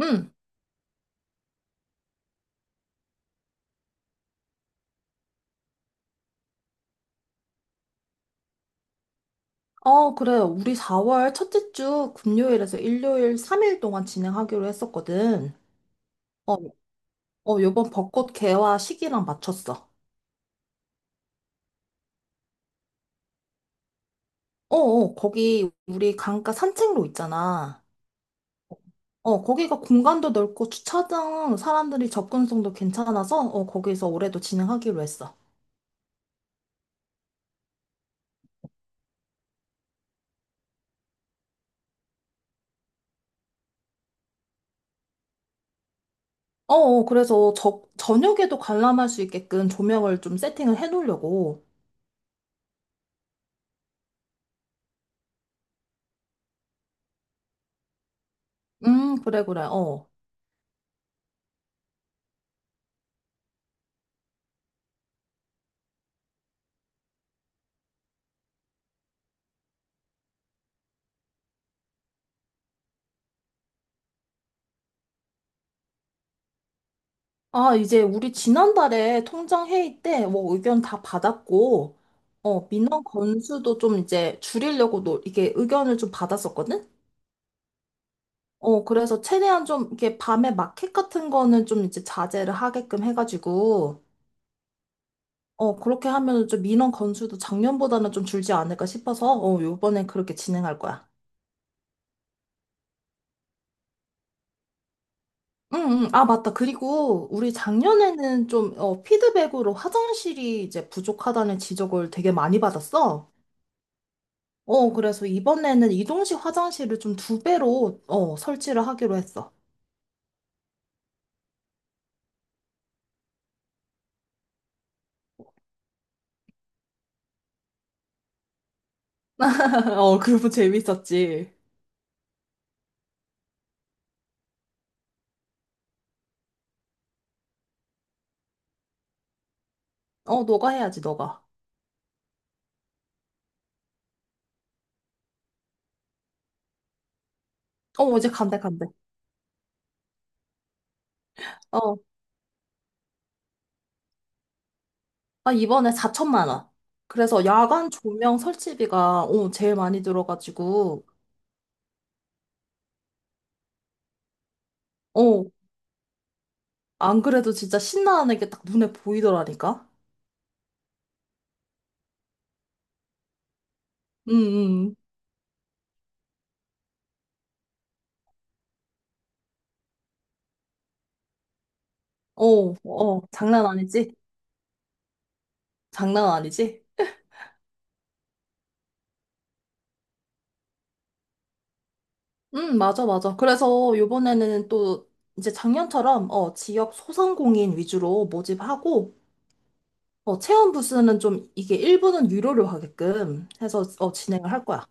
응. 그래. 우리 4월 첫째 주 금요일에서 일요일 3일 동안 진행하기로 했었거든. 어, 요번 벚꽃 개화 시기랑 맞췄어. 거기 우리 강가 산책로 있잖아. 거기가 공간도 넓고 주차장 사람들이 접근성도 괜찮아서 거기서 올해도 진행하기로 했어. 그래서 저녁에도 관람할 수 있게끔 조명을 좀 세팅을 해놓으려고. 그래, 그래. 어. 아, 이제 우리 지난달에 통장 회의 때 뭐 의견 다 받았고, 민원 건수도 좀 이제 줄이려고 이게 의견을 좀 받았었거든? 그래서 최대한 좀 이렇게 밤에 마켓 같은 거는 좀 이제 자제를 하게끔 해가지고, 그렇게 하면 좀 민원 건수도 작년보다는 좀 줄지 않을까 싶어서, 요번엔 그렇게 진행할 거야. 응, 응, 아, 맞다. 그리고 우리 작년에는 좀, 피드백으로 화장실이 이제 부족하다는 지적을 되게 많이 받았어. 그래서 이번에는 이동식 화장실을 좀 2배로, 설치를 하기로 했어. 그고 재밌었지. 너가 해야지, 너가. 뭐 이제 간대, 간대. 어, 아, 이번에 4천만 원. 그래서 야간 조명 설치비가, 제일 많이 들어가지고, 어, 안 그래도 진짜 신나는 게 딱 눈에 보이더라니까? 응, 응. 장난 아니지? 장난 아니지? 맞아, 맞아. 그래서 요번에는 또 이제 작년처럼 지역 소상공인 위주로 모집하고 체험 부스는 좀 이게 일부는 유료로 하게끔 해서 진행을 할 거야.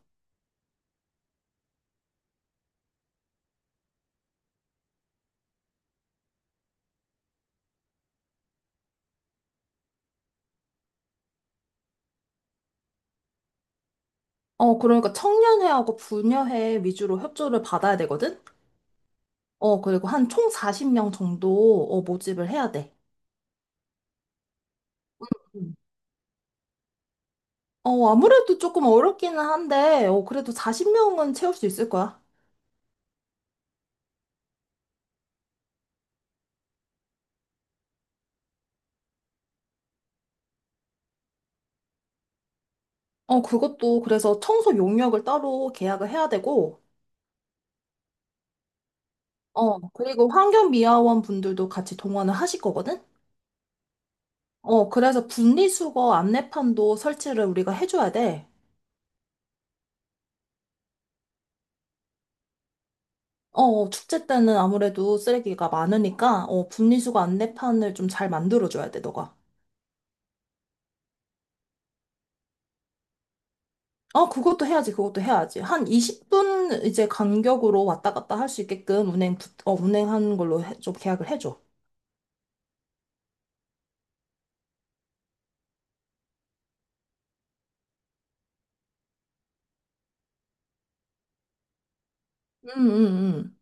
그러니까 청년회하고 부녀회 위주로 협조를 받아야 되거든? 그리고 한 총 40명 정도 모집을 해야 돼. 음. 아무래도 조금 어렵기는 한데, 그래도 40명은 채울 수 있을 거야. 그것도 그래서 청소 용역을 따로 계약을 해야 되고, 그리고 환경미화원 분들도 같이 동원을 하실 거거든? 그래서 분리수거 안내판도 설치를 우리가 해줘야 돼. 축제 때는 아무래도 쓰레기가 많으니까, 분리수거 안내판을 좀 잘 만들어줘야 돼, 너가. 그것도 해야지, 그것도 해야지. 한 20분 이제 간격으로 왔다 갔다 할 수 있게끔 운행하는 걸로 좀 계약을 해줘. 응, 응, 응.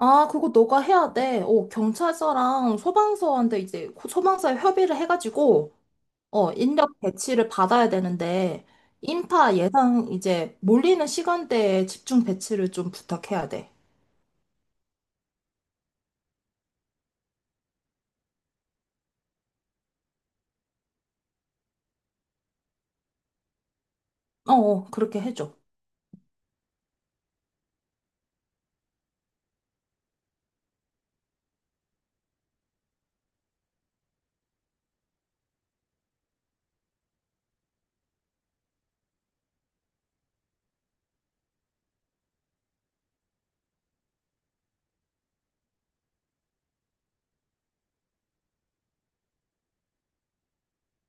아, 그거 너가 해야 돼. 경찰서랑 소방서한테 이제 소방서에 협의를 해가지고, 인력 배치를 받아야 되는데, 인파 예상 이제 몰리는 시간대에 집중 배치를 좀 부탁해야 돼. 그렇게 해줘.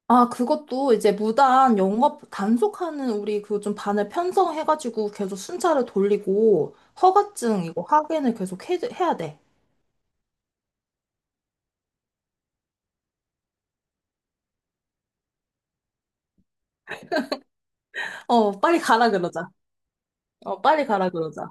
아, 그것도 이제 무단 영업 단속하는 우리 그 좀 반을 편성해가지고 계속 순찰을 돌리고 허가증 이거 확인을 계속 해야 돼. 빨리 가라 그러자. 빨리 가라 그러자.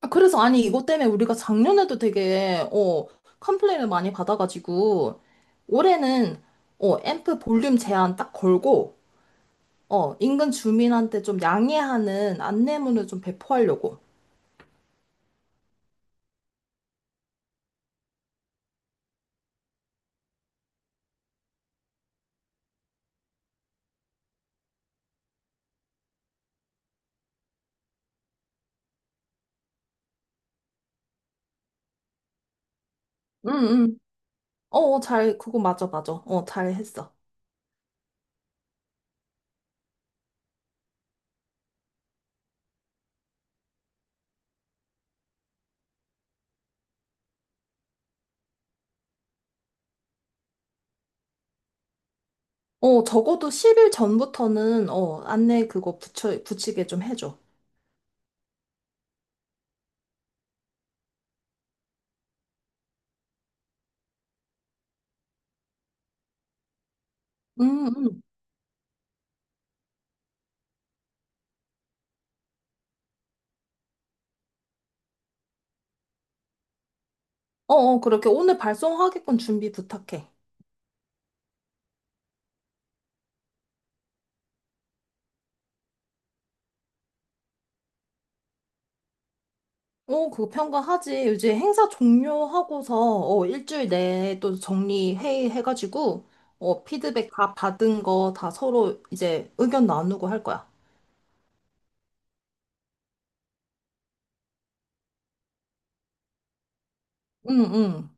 아, 그래서 아니 이것 때문에 우리가 작년에도 되게 컴플레인을 많이 받아가지고 올해는 앰프 볼륨 제한 딱 걸고 인근 주민한테 좀 양해하는 안내문을 좀 배포하려고. 응, 응. 어잘 그거 맞아 맞아 잘 했어. 적어도 10일 전부터는 안내 그거 붙여 붙이게 좀 해줘. 응응. 그렇게 오늘 발송하게끔 준비 부탁해. 그거 평가하지. 요즘 행사 종료하고서, 일주일 내에 또 정리 회의 해가지고, 피드백 다 받은 거 다 서로 이제 의견 나누고 할 거야. 응, 응.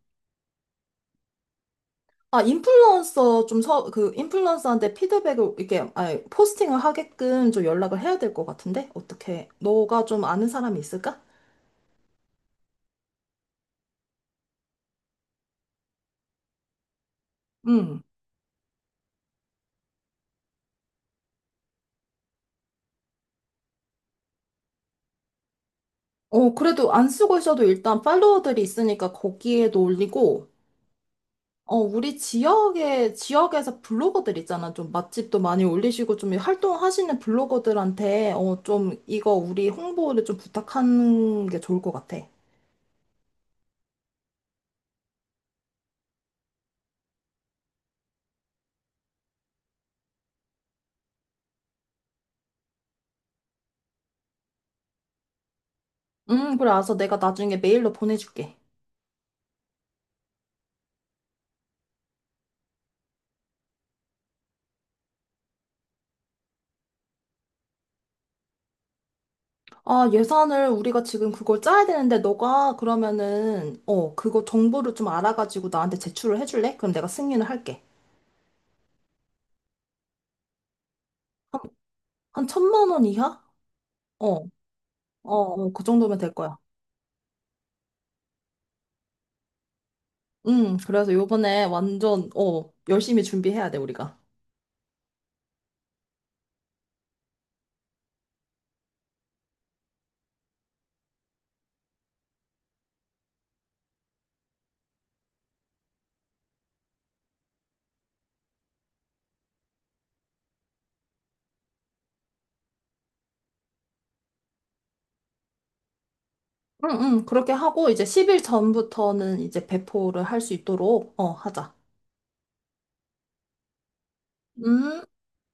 아, 인플루언서 좀 인플루언서한테 피드백을, 이렇게, 아니, 포스팅을 하게끔 좀 연락을 해야 될 것 같은데? 어떻게, 너가 좀 아는 사람이 있을까? 응. 그래도 안 쓰고 있어도 일단 팔로워들이 있으니까 거기에도 올리고, 우리 지역에서 블로거들 있잖아. 좀 맛집도 많이 올리시고, 좀 활동하시는 블로거들한테, 좀 이거 우리 홍보를 좀 부탁하는 게 좋을 것 같아. 그래. 알았어. 내가 나중에 메일로 보내줄게. 아, 예산을 우리가 지금 그걸 짜야 되는데, 너가 그러면은, 그거 정보를 좀 알아가지고 나한테 제출을 해줄래? 그럼 내가 승인을 할게. 한 1,000만 원 이하? 어, 어, 그 정도면 될 거야. 그래서 요번에 완전, 열심히 준비해야 돼, 우리가. 응, 응, 그렇게 하고 이제 10일 전부터는 이제 배포를 할 수 있도록 하자. 음.